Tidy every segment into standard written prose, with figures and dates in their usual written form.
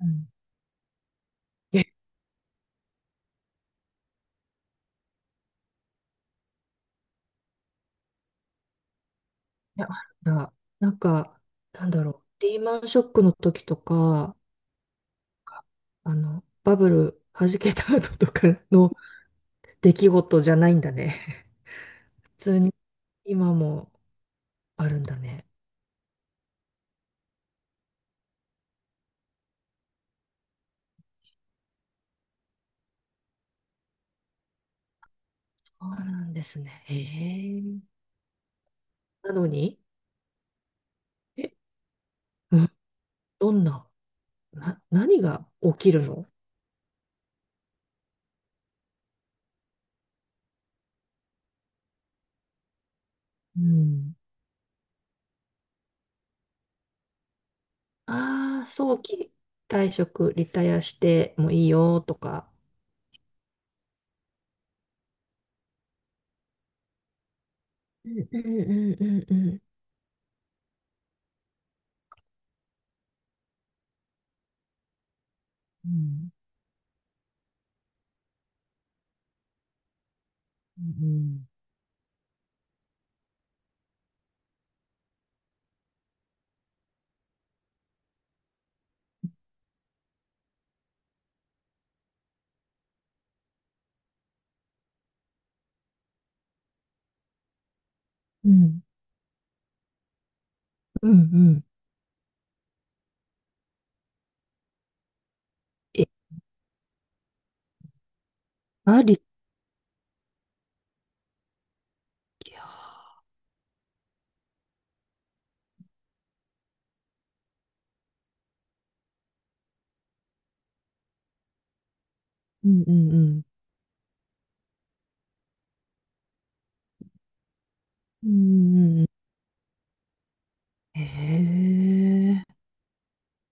うん。え、いや、あるんだ。なんか、なんだろう。リーマンショックの時とか、かあの、バブル弾けた後とかの出来事じゃないんだね。普通に今もあるんだね。そうなんですね。へえ。なのに、え、うん、どんな、何が起きるの？うん。ああ、早期退職、リタイアしてもいいよとか。うんうんうんうんうん。うんうんうんうん。うんうん。え、ありきゃ。うんうんうん。うんうんうん。へえ。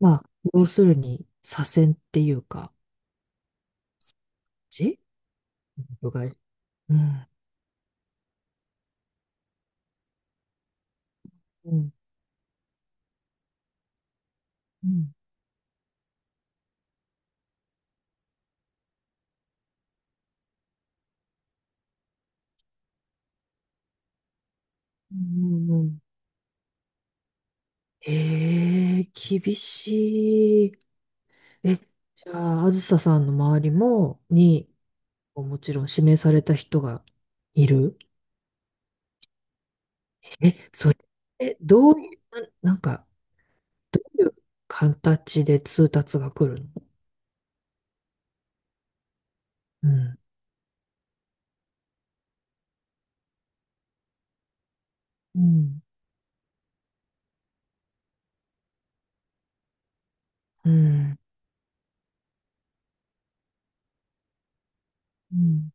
まあ、要するに、左遷っていうか、じ部外。うん。うん。うん。うんうんうん。へえ、厳しい。え、じゃあ、あずささんの周りも、に、もちろん指名された人がいる。え、それ、え、どういう、なんか、どういう形で通達が来るの？うん。うん。うん。うん。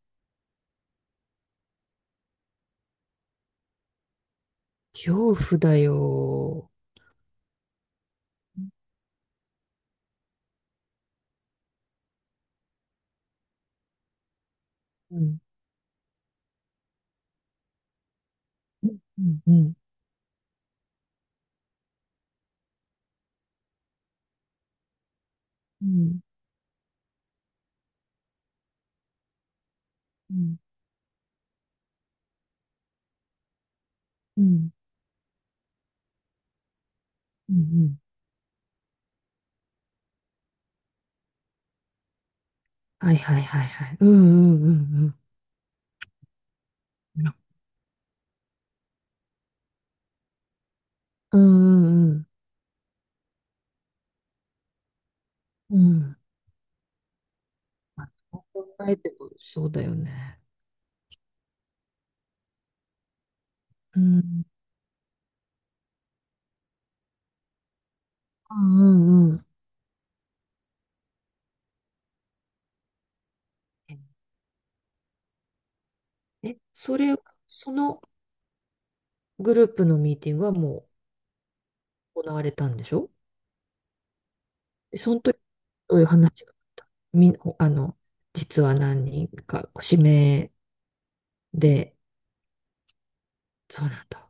恐怖だよ。うん。うん。うん。うん。うん。うん。うん。はいはいはいはい。うんうんうんうん。うんうんうん。うん。考えてもそうだよね。うん。うんうんうん。え、それ、そのグループのミーティングはもう行われたんでしょ？でその時、どういう話があったあの、実は何人か、指名で、そうなんだ。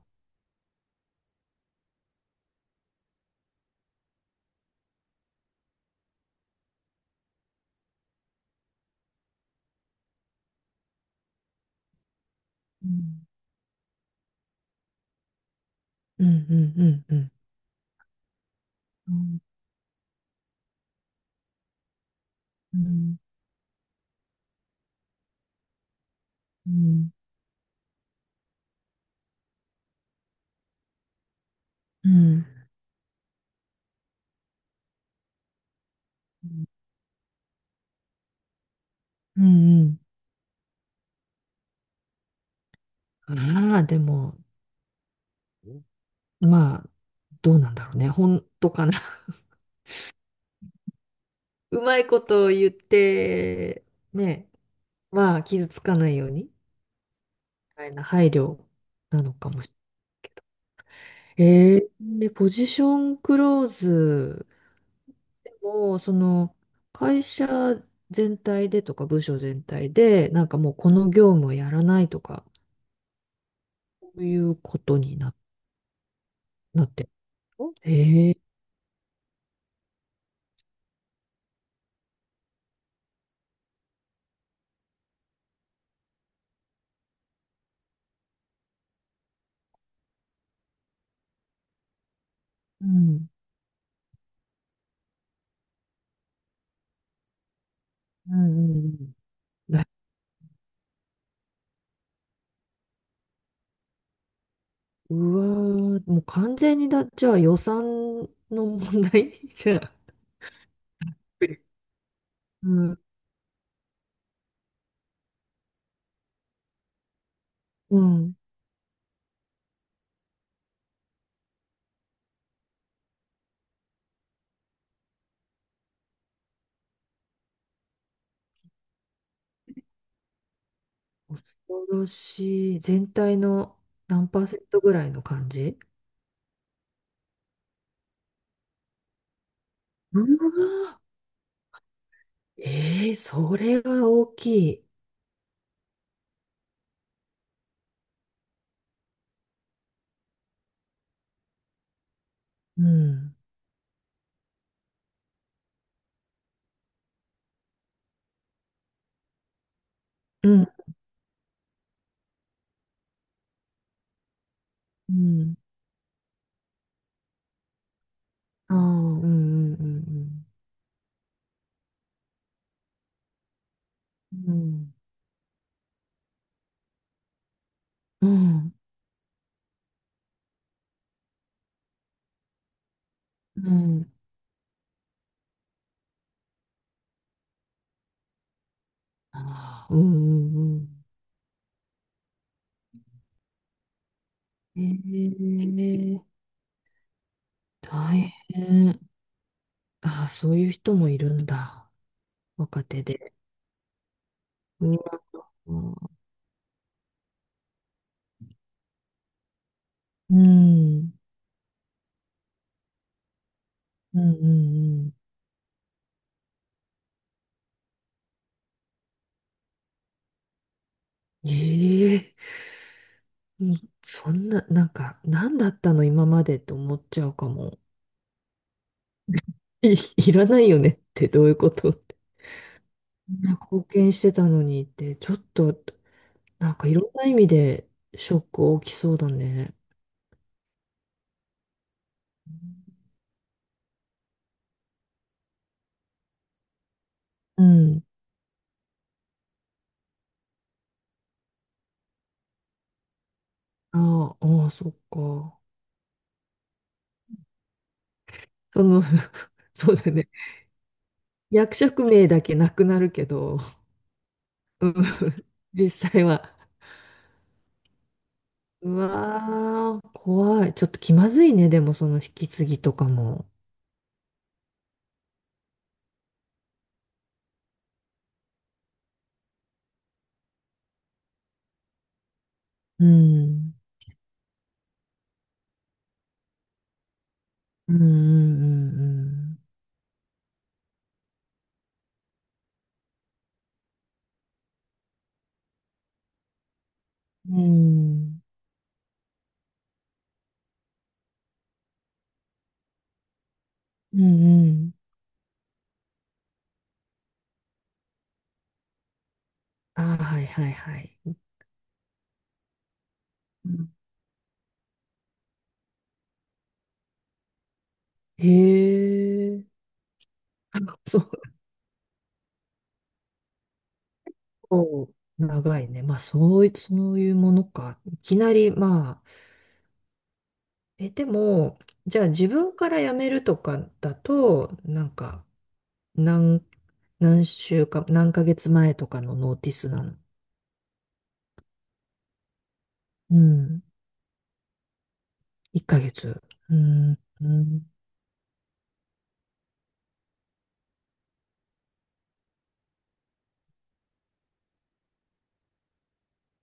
うん。うんうんうんうん。うんうんうんうん。うんうん。ああ、でも、まあ、どうなんだろうね。本当かな。うまいことを言って、ね、まあ、傷つかないように、みたいな配慮なのかもしれない。で、ポジションクローズでも、その、会社全体でとか、部署全体で、なんかもうこの業務をやらないとか、そういうことになってるの？へえ、うん。うんうんうんなうわー、もう完全にだ、じゃあ予算の問題 じゃあ。うん、うん。恐ろしい。全体の何パーセントぐらいの感じ？うわー、それは大きい。うん。うん。うん。ああ、うんうんうん。うん。うんうん。うん。ああ、うんうんうん。ええ大変。ああ、そういう人もいるんだ。若手で。今、うん、うん、うん、うん。ええうんそんな、なんか、何だったの今までって思っちゃうかも。いらないよねってどういうことって。みんな貢献してたのにって、ちょっと、なんかいろんな意味でショック大きそうだね。うん。ああ、ああ、そっか。その そうだね。役職名だけなくなるけど、うん、実際は。うわー、怖い。ちょっと気まずいね、でもその引き継ぎとかも。うん。うんうんうんうん。うん。うんうん。ああ、はいはいはい。うんへえ。そう。長いね。まあ、そういうものか。いきなり、まあ、え、でも、じゃあ自分から辞めるとかだと、なんか、何、週間、何ヶ月前とかのノーティスなの？うん。1ヶ月。うん。うん。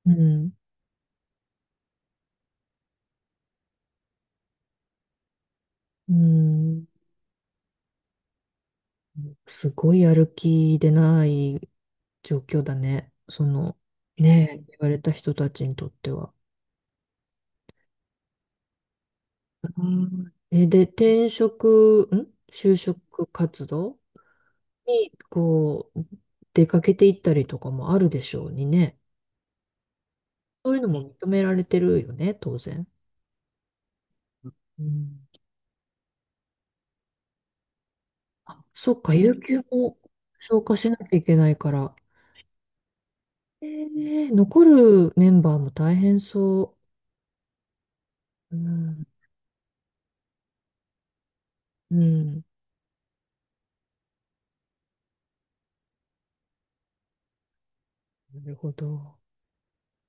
うん。うんすごいやる気でない状況だね。その、ねえ、言われた人たちにとっては。うんえ、で、転職、ん就職活動に、こう、出かけていったりとかもあるでしょうにね。そういうのも認められてるよね、当然。うんあ、そっか、有給も消化しなきゃいけないから。残るメンバーも大変そう。うん、うん、なるほど。